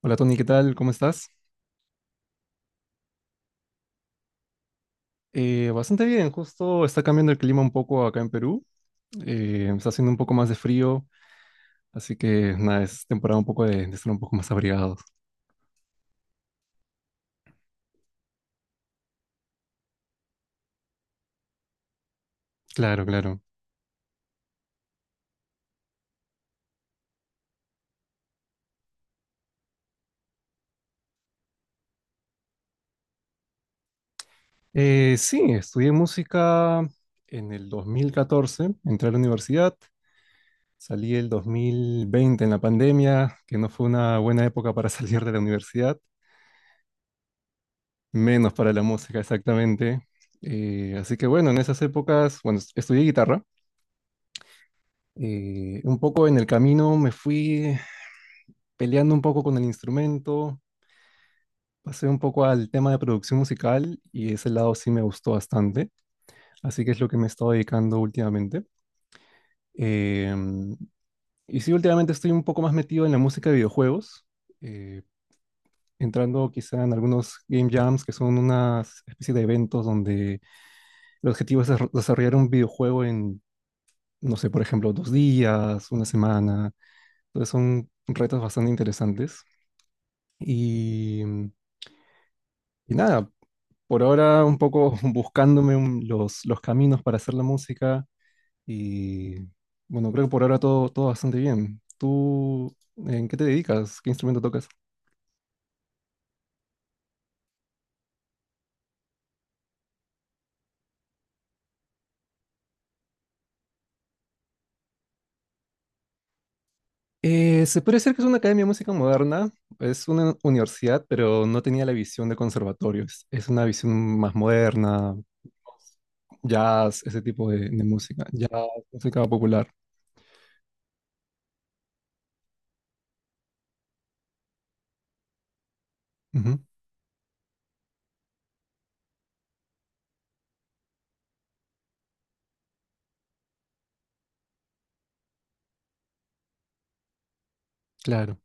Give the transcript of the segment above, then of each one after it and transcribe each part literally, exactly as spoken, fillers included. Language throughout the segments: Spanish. Hola Tony, ¿qué tal? ¿Cómo estás? Eh, bastante bien, justo está cambiando el clima un poco acá en Perú. Eh, está haciendo un poco más de frío, así que nada, es temporada un poco de, de estar un poco más abrigados. Claro, claro. Eh, sí, estudié música en el dos mil catorce, entré a la universidad, salí el dos mil veinte en la pandemia, que no fue una buena época para salir de la universidad, menos para la música exactamente. Eh, así que bueno, en esas épocas, bueno, estudié guitarra. Eh, un poco en el camino me fui peleando un poco con el instrumento, pasé un poco al tema de producción musical y ese lado sí me gustó bastante, así que es lo que me he estado dedicando últimamente. Em, y sí, últimamente estoy un poco más metido en la música de videojuegos, eh, entrando quizá en algunos game jams que son unas especie de eventos donde el objetivo es desar- desarrollar un videojuego en, no sé, por ejemplo, dos días, una semana. Entonces son retos bastante interesantes. Y, y nada, por ahora un poco buscándome un- los, los caminos para hacer la música y bueno, creo que por ahora todo, todo bastante bien. ¿Tú en qué te dedicas? ¿Qué instrumento tocas? Eh, se puede decir que es una academia de música moderna, es una universidad, pero no tenía la visión de conservatorio, es, es una visión más moderna, jazz, ese tipo de, de música, jazz, música popular. Ujú, claro,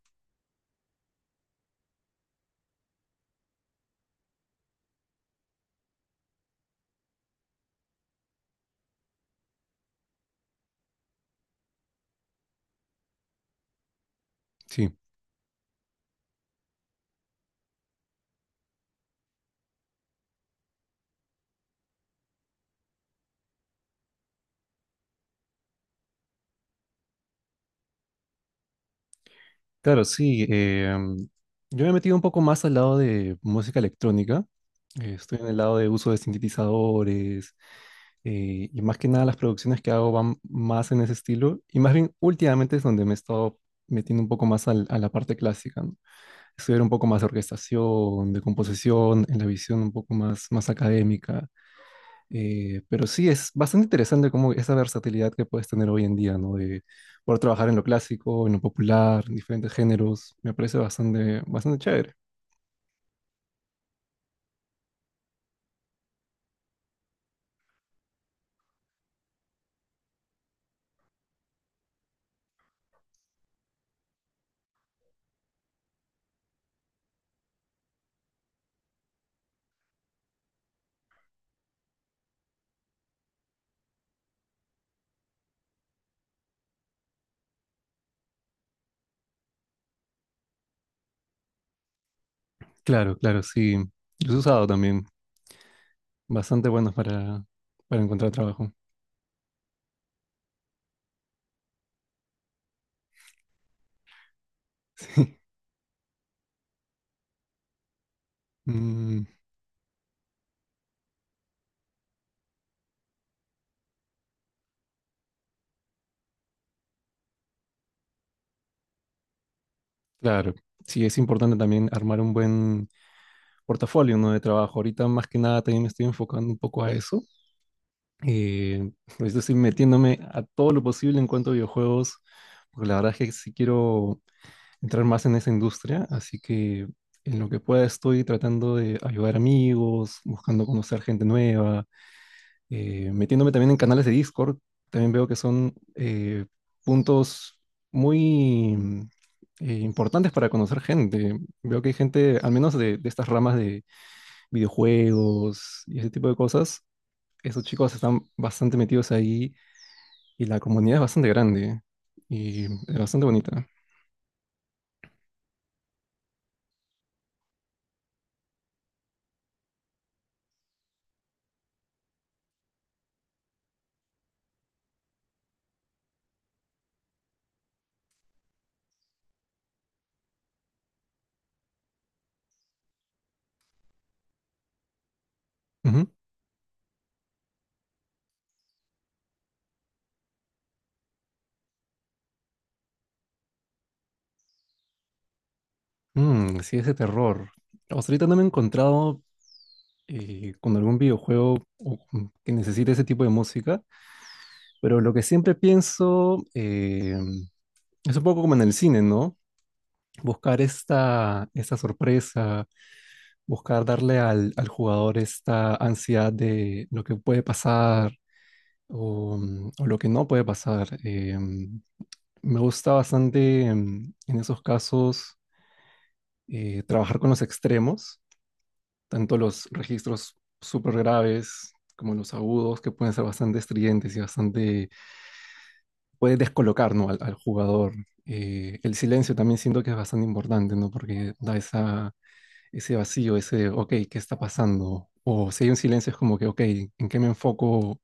sí. Claro, sí. Eh, yo me he metido un poco más al lado de música electrónica. Eh, estoy en el lado de uso de sintetizadores, eh, y más que nada las producciones que hago van más en ese estilo. Y más bien últimamente es donde me he estado metiendo un poco más al- a la parte clásica, ¿no? Estudiar un poco más de orquestación, de composición, en la visión un poco más, más académica. Eh, pero sí, es bastante interesante como esa versatilidad que puedes tener hoy en día, ¿no? De poder trabajar en lo clásico, en lo popular, en diferentes géneros. Me parece bastante, bastante chévere. Claro, claro, sí. Los he usado también. Bastante buenos para, para encontrar trabajo. Sí. Mm, claro. Sí, es importante también armar un buen portafolio, ¿no? De trabajo. Ahorita más que nada también me estoy enfocando un poco a eso. Eh, Ahorita estoy metiéndome a todo lo posible en cuanto a videojuegos, porque la verdad es que sí quiero entrar más en esa industria, así que en lo que pueda estoy tratando de ayudar amigos, buscando conocer gente nueva, eh, metiéndome también en canales de Discord, también veo que son eh, puntos muy mm, eh, importantes para conocer gente. Veo que hay gente, al menos de, de estas ramas de videojuegos y ese tipo de cosas, esos chicos están bastante metidos ahí y la comunidad es bastante grande y es bastante bonita. Ujú. Mm, sí, ese terror. O sea, ahorita no me he encontrado eh, con algún videojuego o con- que necesite ese tipo de música, pero lo que siempre pienso eh, es un poco como en el cine, ¿no? Buscar esta, esta sorpresa, buscar darle al, al jugador esta ansiedad de lo que puede pasar o, mm, o lo que no puede pasar. Eh, me gusta bastante mm, en esos casos eh, trabajar con los extremos tanto los registros súper graves como los agudos, que pueden ser bastante estridentes y bastante, puede descolocar, ¿no? al, al jugador. Eh, el silencio también siento que es bastante importante, ¿no? Porque da esa, ese vacío, ese, ok, ¿qué está pasando? O si hay un silencio es como que, ok, ¿en qué me enfoco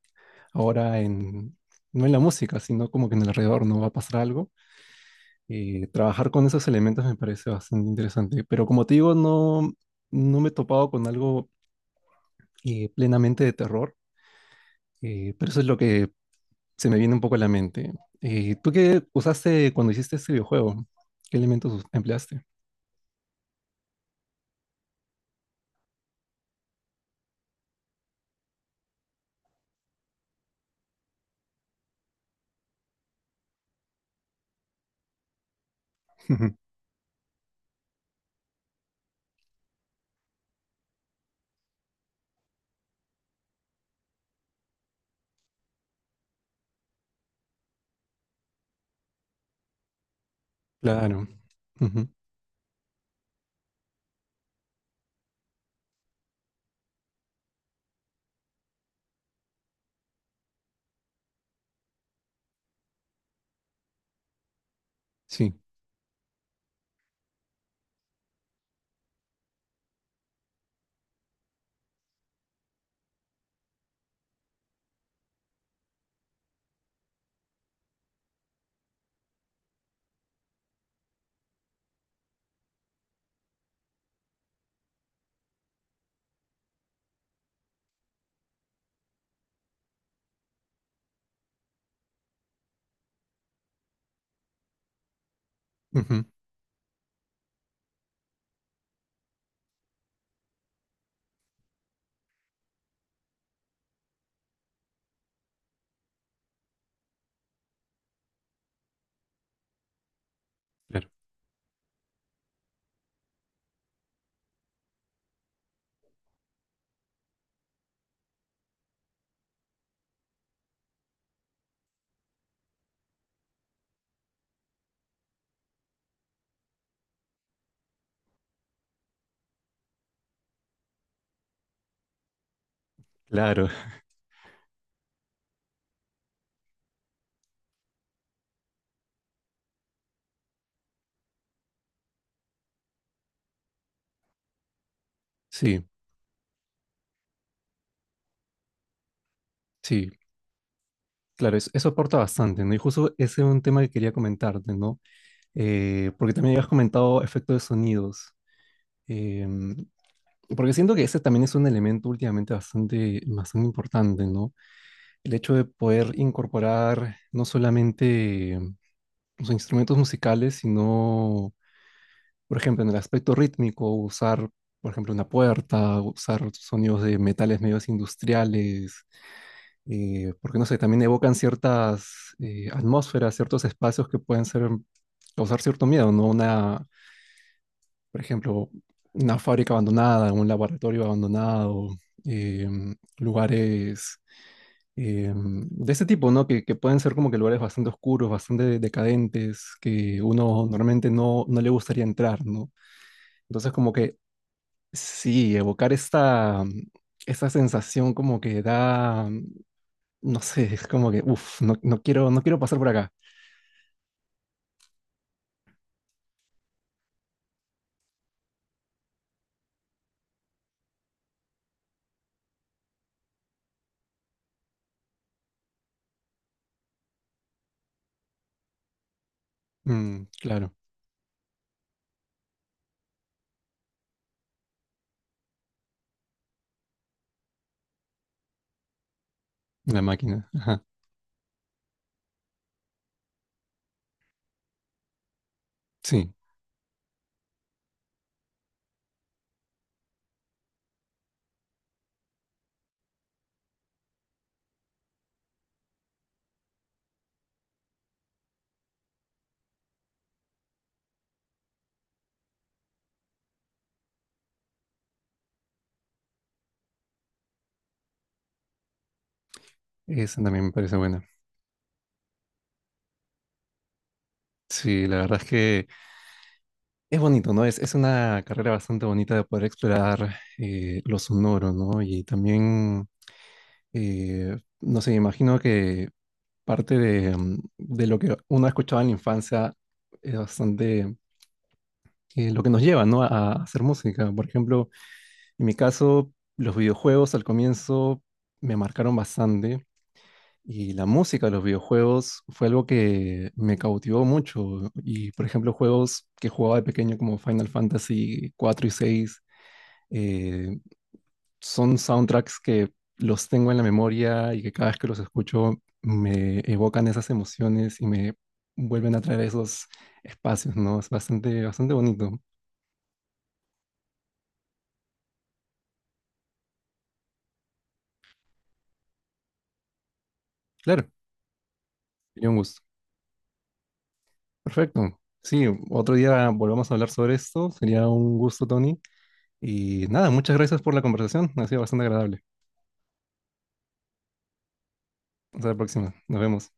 ahora en, no en la música, sino como que en el alrededor no va a pasar algo? Eh, trabajar con esos elementos me parece bastante interesante, pero como te digo, no, no me he topado con algo eh, plenamente de terror. Eh, pero eso es lo que se me viene un poco a la mente. Eh, ¿tú qué usaste cuando hiciste este videojuego? ¿Qué elementos us- empleaste? Ujú. Claro. Ujú. Sí. Ujú. Claro. Claro. Sí, sí. Claro, eso, eso aporta bastante, ¿no? Y justo ese es un tema que quería comentarte, ¿no? Eh, porque también habías comentado efectos de sonidos. Em, Porque siento que ese también es un elemento últimamente bastante, bastante importante, ¿no? El hecho de poder incorporar no solamente los instrumentos musicales, sino, por ejemplo, en el aspecto rítmico, usar, por ejemplo, una puerta, usar sonidos de metales medios industriales, eh, porque no sé, también evocan ciertas eh, atmósferas, ciertos espacios que pueden ser, causar cierto miedo, ¿no? Una, por ejemplo, una fábrica abandonada, un laboratorio abandonado, eh, lugares eh, de ese tipo, ¿no? Que, que pueden ser como que lugares bastante oscuros, bastante decadentes, que uno normalmente no, no le gustaría entrar, ¿no? Entonces como que sí, evocar esta, esta sensación como que da, no sé, es como que, uff, no, no quiero, no quiero pasar por acá. Mm, claro, la máquina, ajá, sí, esa también me parece buena. Sí, la verdad es que es bonito, ¿no? Es, es una carrera bastante bonita de poder explorar eh, lo sonoro, ¿no? Y también eh, no sé, me imagino que parte de, mm, de lo que uno ha escuchado en la infancia es bastante eh, lo que nos lleva, ¿no? A, a hacer música. Por ejemplo, en mi caso, los videojuegos al comienzo me marcaron bastante y la música de los videojuegos fue algo que me cautivó mucho. Y, por ejemplo, juegos que jugaba de pequeño como Final Fantasy cuatro y seis eh, son soundtracks que los tengo en la memoria y que cada vez que los escucho me evocan esas emociones y me vuelven a traer esos espacios, ¿no? Es bastante, bastante bonito. Claro, sería un gusto. Perfecto. Sí, otro día volvamos a hablar sobre esto. Sería un gusto, Tony. Y nada, muchas gracias por la conversación. Ha sido bastante agradable. Hasta la próxima. Nos vemos.